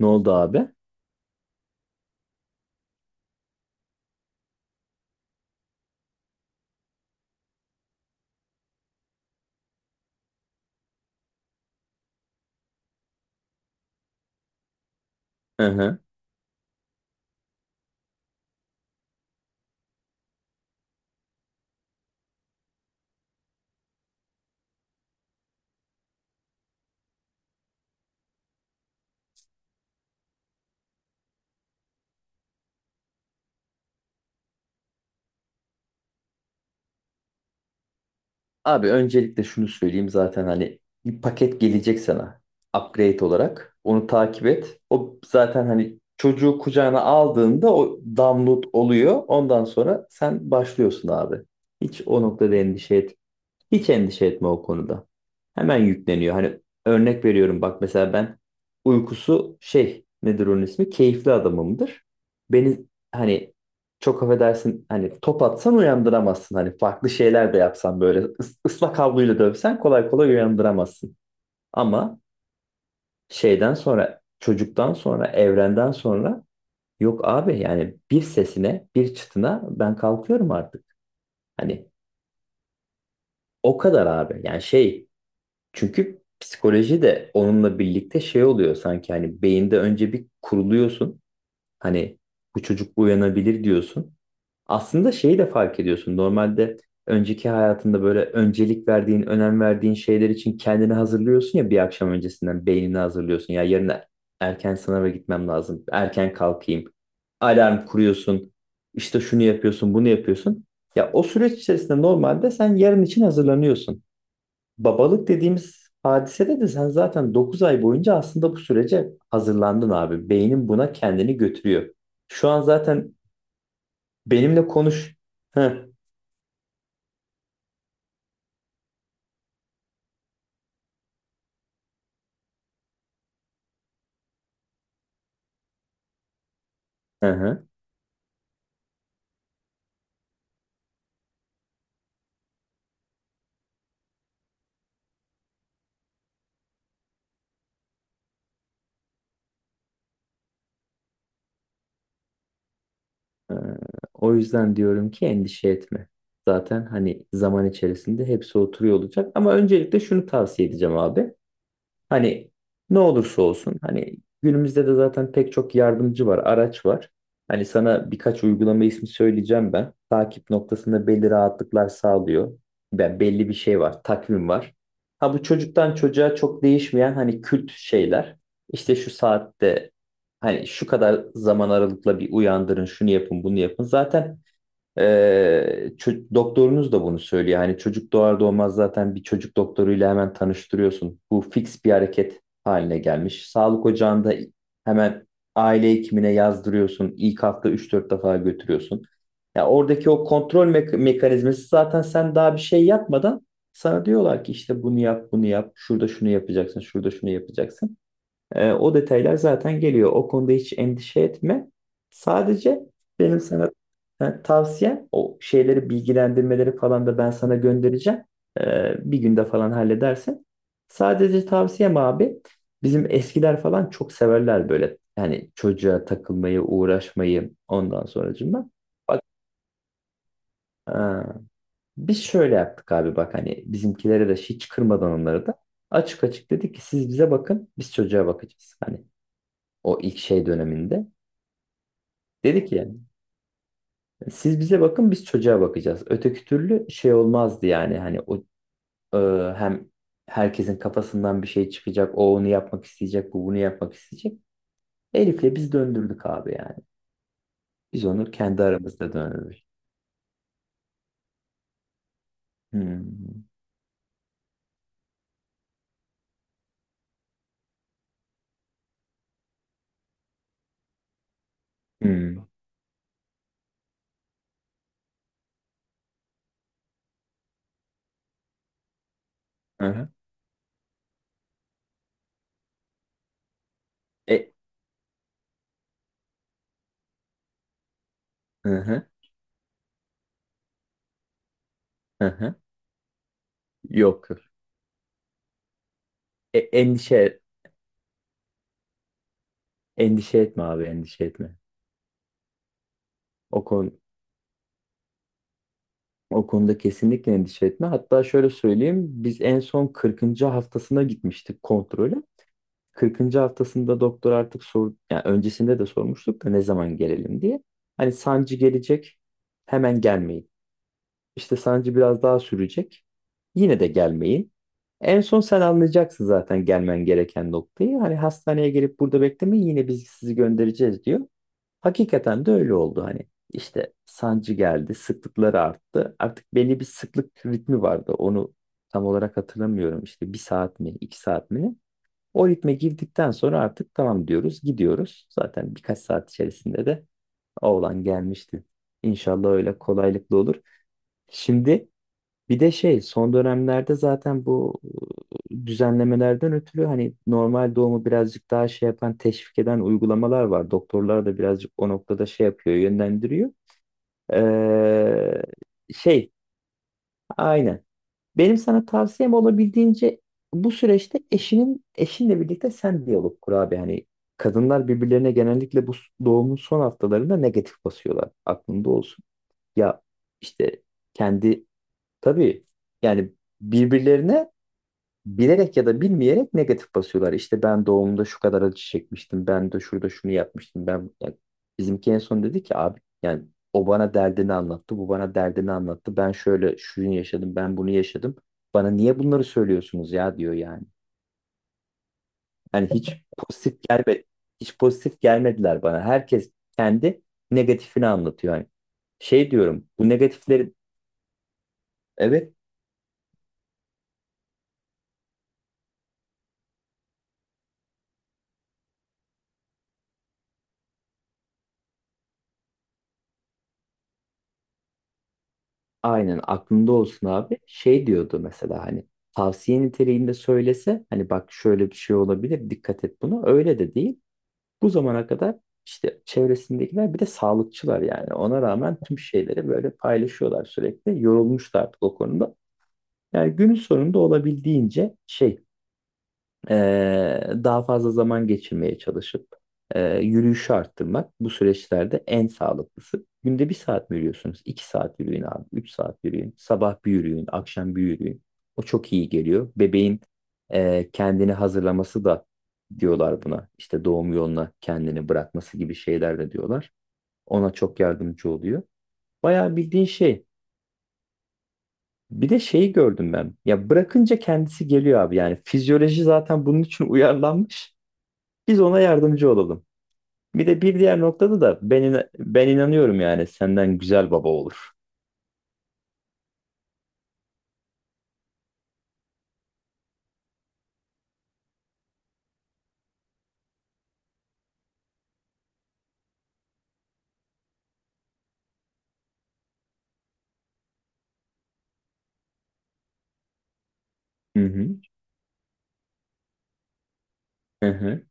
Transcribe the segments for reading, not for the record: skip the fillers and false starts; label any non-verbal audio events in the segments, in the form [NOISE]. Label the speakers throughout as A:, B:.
A: Ne oldu abi? Hı hı. Abi öncelikle şunu söyleyeyim zaten hani bir paket gelecek sana upgrade olarak. Onu takip et. O zaten hani çocuğu kucağına aldığında o download oluyor. Ondan sonra sen başlıyorsun abi. Hiç o noktada endişe etme. Hiç endişe etme o konuda. Hemen yükleniyor. Hani örnek veriyorum bak mesela ben uykusu şey nedir onun ismi? Keyifli adamımdır. Beni hani çok affedersin hani top atsan uyandıramazsın. Hani farklı şeyler de yapsan böyle ıslak havluyla dövsen kolay kolay uyandıramazsın. Ama şeyden sonra çocuktan sonra evrenden sonra yok abi yani bir sesine bir çıtına ben kalkıyorum artık. Hani o kadar abi yani şey. Çünkü psikoloji de onunla birlikte şey oluyor sanki hani beyinde önce bir kuruluyorsun. Hani bu çocuk uyanabilir diyorsun. Aslında şeyi de fark ediyorsun. Normalde önceki hayatında böyle öncelik verdiğin, önem verdiğin şeyler için kendini hazırlıyorsun ya bir akşam öncesinden beynini hazırlıyorsun. Ya yarın erken sınava gitmem lazım. Erken kalkayım. Alarm kuruyorsun. İşte şunu yapıyorsun, bunu yapıyorsun. Ya o süreç içerisinde normalde sen yarın için hazırlanıyorsun. Babalık dediğimiz hadisede de sen zaten 9 ay boyunca aslında bu sürece hazırlandın abi. Beynin buna kendini götürüyor. Şu an zaten benimle konuş. Hı, hı, hı. Ee, O yüzden diyorum ki endişe etme. Zaten hani zaman içerisinde hepsi oturuyor olacak. Ama öncelikle şunu tavsiye edeceğim abi. Hani ne olursa olsun hani günümüzde de zaten pek çok yardımcı var, araç var. Hani sana birkaç uygulama ismi söyleyeceğim ben. Takip noktasında belli rahatlıklar sağlıyor. Ben belli bir şey var, takvim var. Ha bu çocuktan çocuğa çok değişmeyen hani kült şeyler. İşte şu saatte hani şu kadar zaman aralıkla bir uyandırın, şunu yapın, bunu yapın. Zaten doktorunuz da bunu söylüyor. Hani çocuk doğar doğmaz zaten bir çocuk doktoruyla hemen tanıştırıyorsun. Bu fix bir hareket haline gelmiş. Sağlık ocağında hemen aile hekimine yazdırıyorsun. İlk hafta üç dört defa götürüyorsun. Ya oradaki o kontrol mekanizması zaten sen daha bir şey yapmadan sana diyorlar ki işte bunu yap, bunu yap, şurada şunu yapacaksın, şurada şunu yapacaksın. O detaylar zaten geliyor. O konuda hiç endişe etme. Sadece benim sana tavsiyem o şeyleri bilgilendirmeleri falan da ben sana göndereceğim. Bir günde falan halledersin. Sadece tavsiyem abi bizim eskiler falan çok severler böyle. Yani çocuğa takılmayı, uğraşmayı ondan sonracığıma. Bak, ha, biz şöyle yaptık abi bak hani bizimkilere de hiç kırmadan onları da açık açık dedik ki siz bize bakın biz çocuğa bakacağız. Hani o ilk şey döneminde. Dedi ki yani siz bize bakın biz çocuğa bakacağız. Öteki türlü şey olmazdı yani hani o e, hem herkesin kafasından bir şey çıkacak. O onu yapmak isteyecek, bu bunu yapmak isteyecek. Elif'le biz döndürdük abi yani. Biz onu kendi aramızda döndürdük. Hmm. Hmm. Hı-hı. E, aha aha. Yok yok. E, endişe endişe etme abi endişe etme. O konu O konuda kesinlikle endişe etme. Hatta şöyle söyleyeyim, biz en son 40. haftasına gitmiştik kontrole. 40. haftasında doktor artık sor, yani öncesinde de sormuştuk da ne zaman gelelim diye. Hani sancı gelecek, hemen gelmeyin işte sancı biraz daha sürecek. Yine de gelmeyin. En son sen anlayacaksın zaten gelmen gereken noktayı. Hani hastaneye gelip burada beklemeyin yine biz sizi göndereceğiz diyor. Hakikaten de öyle oldu hani. İşte sancı geldi, sıklıkları arttı. Artık belli bir sıklık ritmi vardı. Onu tam olarak hatırlamıyorum. İşte bir saat mi, iki saat mi? Ne? O ritme girdikten sonra artık tamam diyoruz, gidiyoruz. Zaten birkaç saat içerisinde de oğlan gelmişti. İnşallah öyle kolaylıkla olur. Şimdi bir de şey son dönemlerde zaten bu düzenlemelerden ötürü hani normal doğumu birazcık daha şey yapan teşvik eden uygulamalar var. Doktorlar da birazcık o noktada şey yapıyor, yönlendiriyor. Ee, Şey aynen. Benim sana tavsiyem olabildiğince bu süreçte eşinle birlikte sen diyalog kur abi. Hani kadınlar birbirlerine genellikle bu doğumun son haftalarında negatif basıyorlar. Aklında olsun. Ya işte kendi tabii yani birbirlerine bilerek ya da bilmeyerek negatif basıyorlar. İşte ben doğumda şu kadar acı çekmiştim. Ben de şurada şunu yapmıştım. Ben yani bizimki en son dedi ki abi yani o bana derdini anlattı. Bu bana derdini anlattı. Ben şöyle şunu yaşadım. Ben bunu yaşadım. Bana niye bunları söylüyorsunuz ya diyor yani. Hani hiç pozitif gelme. Hiç pozitif gelmediler bana. Herkes kendi negatifini anlatıyor. Yani şey diyorum bu negatifleri. Evet. Aynen, aklında olsun abi. Şey diyordu mesela hani tavsiye niteliğinde söylese hani bak şöyle bir şey olabilir dikkat et buna. Öyle de değil. Bu zamana kadar işte çevresindekiler bir de sağlıkçılar yani. Ona rağmen tüm şeyleri böyle paylaşıyorlar sürekli. Yorulmuşlar artık o konuda. Yani günün sonunda olabildiğince şey daha fazla zaman geçirmeye çalışıp yürüyüşü arttırmak bu süreçlerde en sağlıklısı. Günde bir saat mi yürüyorsunuz? 2 saat yürüyün abi. 3 saat yürüyün. Sabah bir yürüyün. Akşam bir yürüyün. O çok iyi geliyor. Bebeğin kendini hazırlaması da diyorlar buna. İşte doğum yoluna kendini bırakması gibi şeyler de diyorlar. Ona çok yardımcı oluyor. Bayağı bildiğin şey. Bir de şeyi gördüm ben. Ya bırakınca kendisi geliyor abi. Yani fizyoloji zaten bunun için uyarlanmış. Biz ona yardımcı olalım. Bir de bir diğer noktada da ben inanıyorum yani senden güzel baba olur. Hı hı. Hı hı.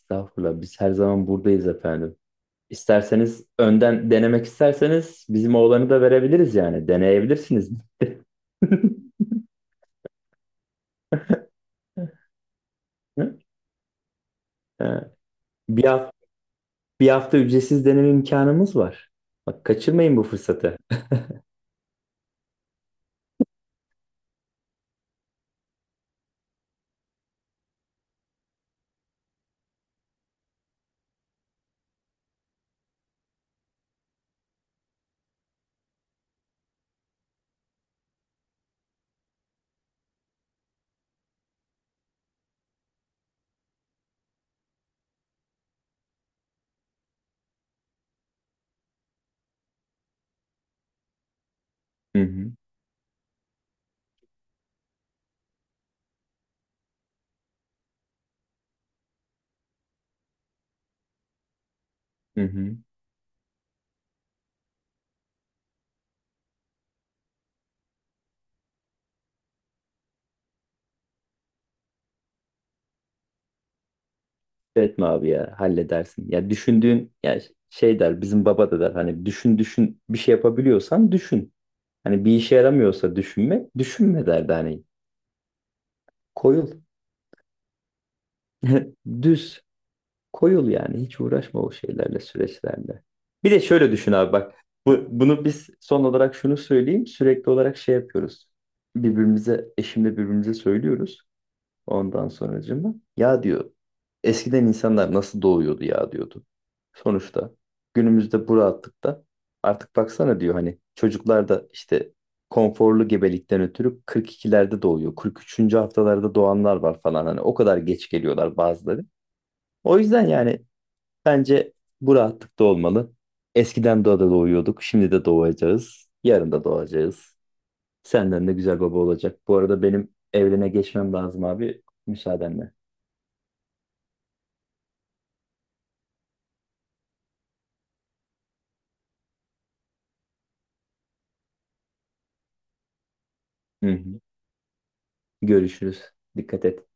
A: Estağfurullah biz her zaman buradayız efendim. İsterseniz önden denemek isterseniz bizim oğlanı da verebiliriz yani. Deneyebilirsiniz. [LAUGHS] Hı? Ha. Bir hafta, Bir hafta ücretsiz deneme imkanımız var. Bak kaçırmayın bu fırsatı. Hı hı. Hı hı. Etme abi ya halledersin. Ya düşündüğün ya şey der bizim baba da der hani düşün düşün bir şey yapabiliyorsan düşün. Hani bir işe yaramıyorsa düşünmek, düşünme derdi hani. Koyul. [LAUGHS] Düz. Koyul yani. Hiç uğraşma o şeylerle, süreçlerle. Bir de şöyle düşün abi bak. Bunu biz son olarak şunu söyleyeyim. Sürekli olarak şey yapıyoruz. Birbirimize, eşimle birbirimize söylüyoruz. Ondan sonracığıma ya diyor eskiden insanlar nasıl doğuyordu ya diyordu. Sonuçta günümüzde bu rahatlıkta artık baksana diyor hani çocuklar da işte konforlu gebelikten ötürü 42'lerde doğuyor. 43. haftalarda doğanlar var falan hani o kadar geç geliyorlar bazıları. O yüzden yani bence bu rahatlıkta olmalı. Eskiden doğada doğuyorduk, şimdi de doğacağız, yarın da doğacağız. Senden de güzel baba olacak. Bu arada benim evrene geçmem lazım abi müsaadenle. Hı hı. Görüşürüz. Dikkat et.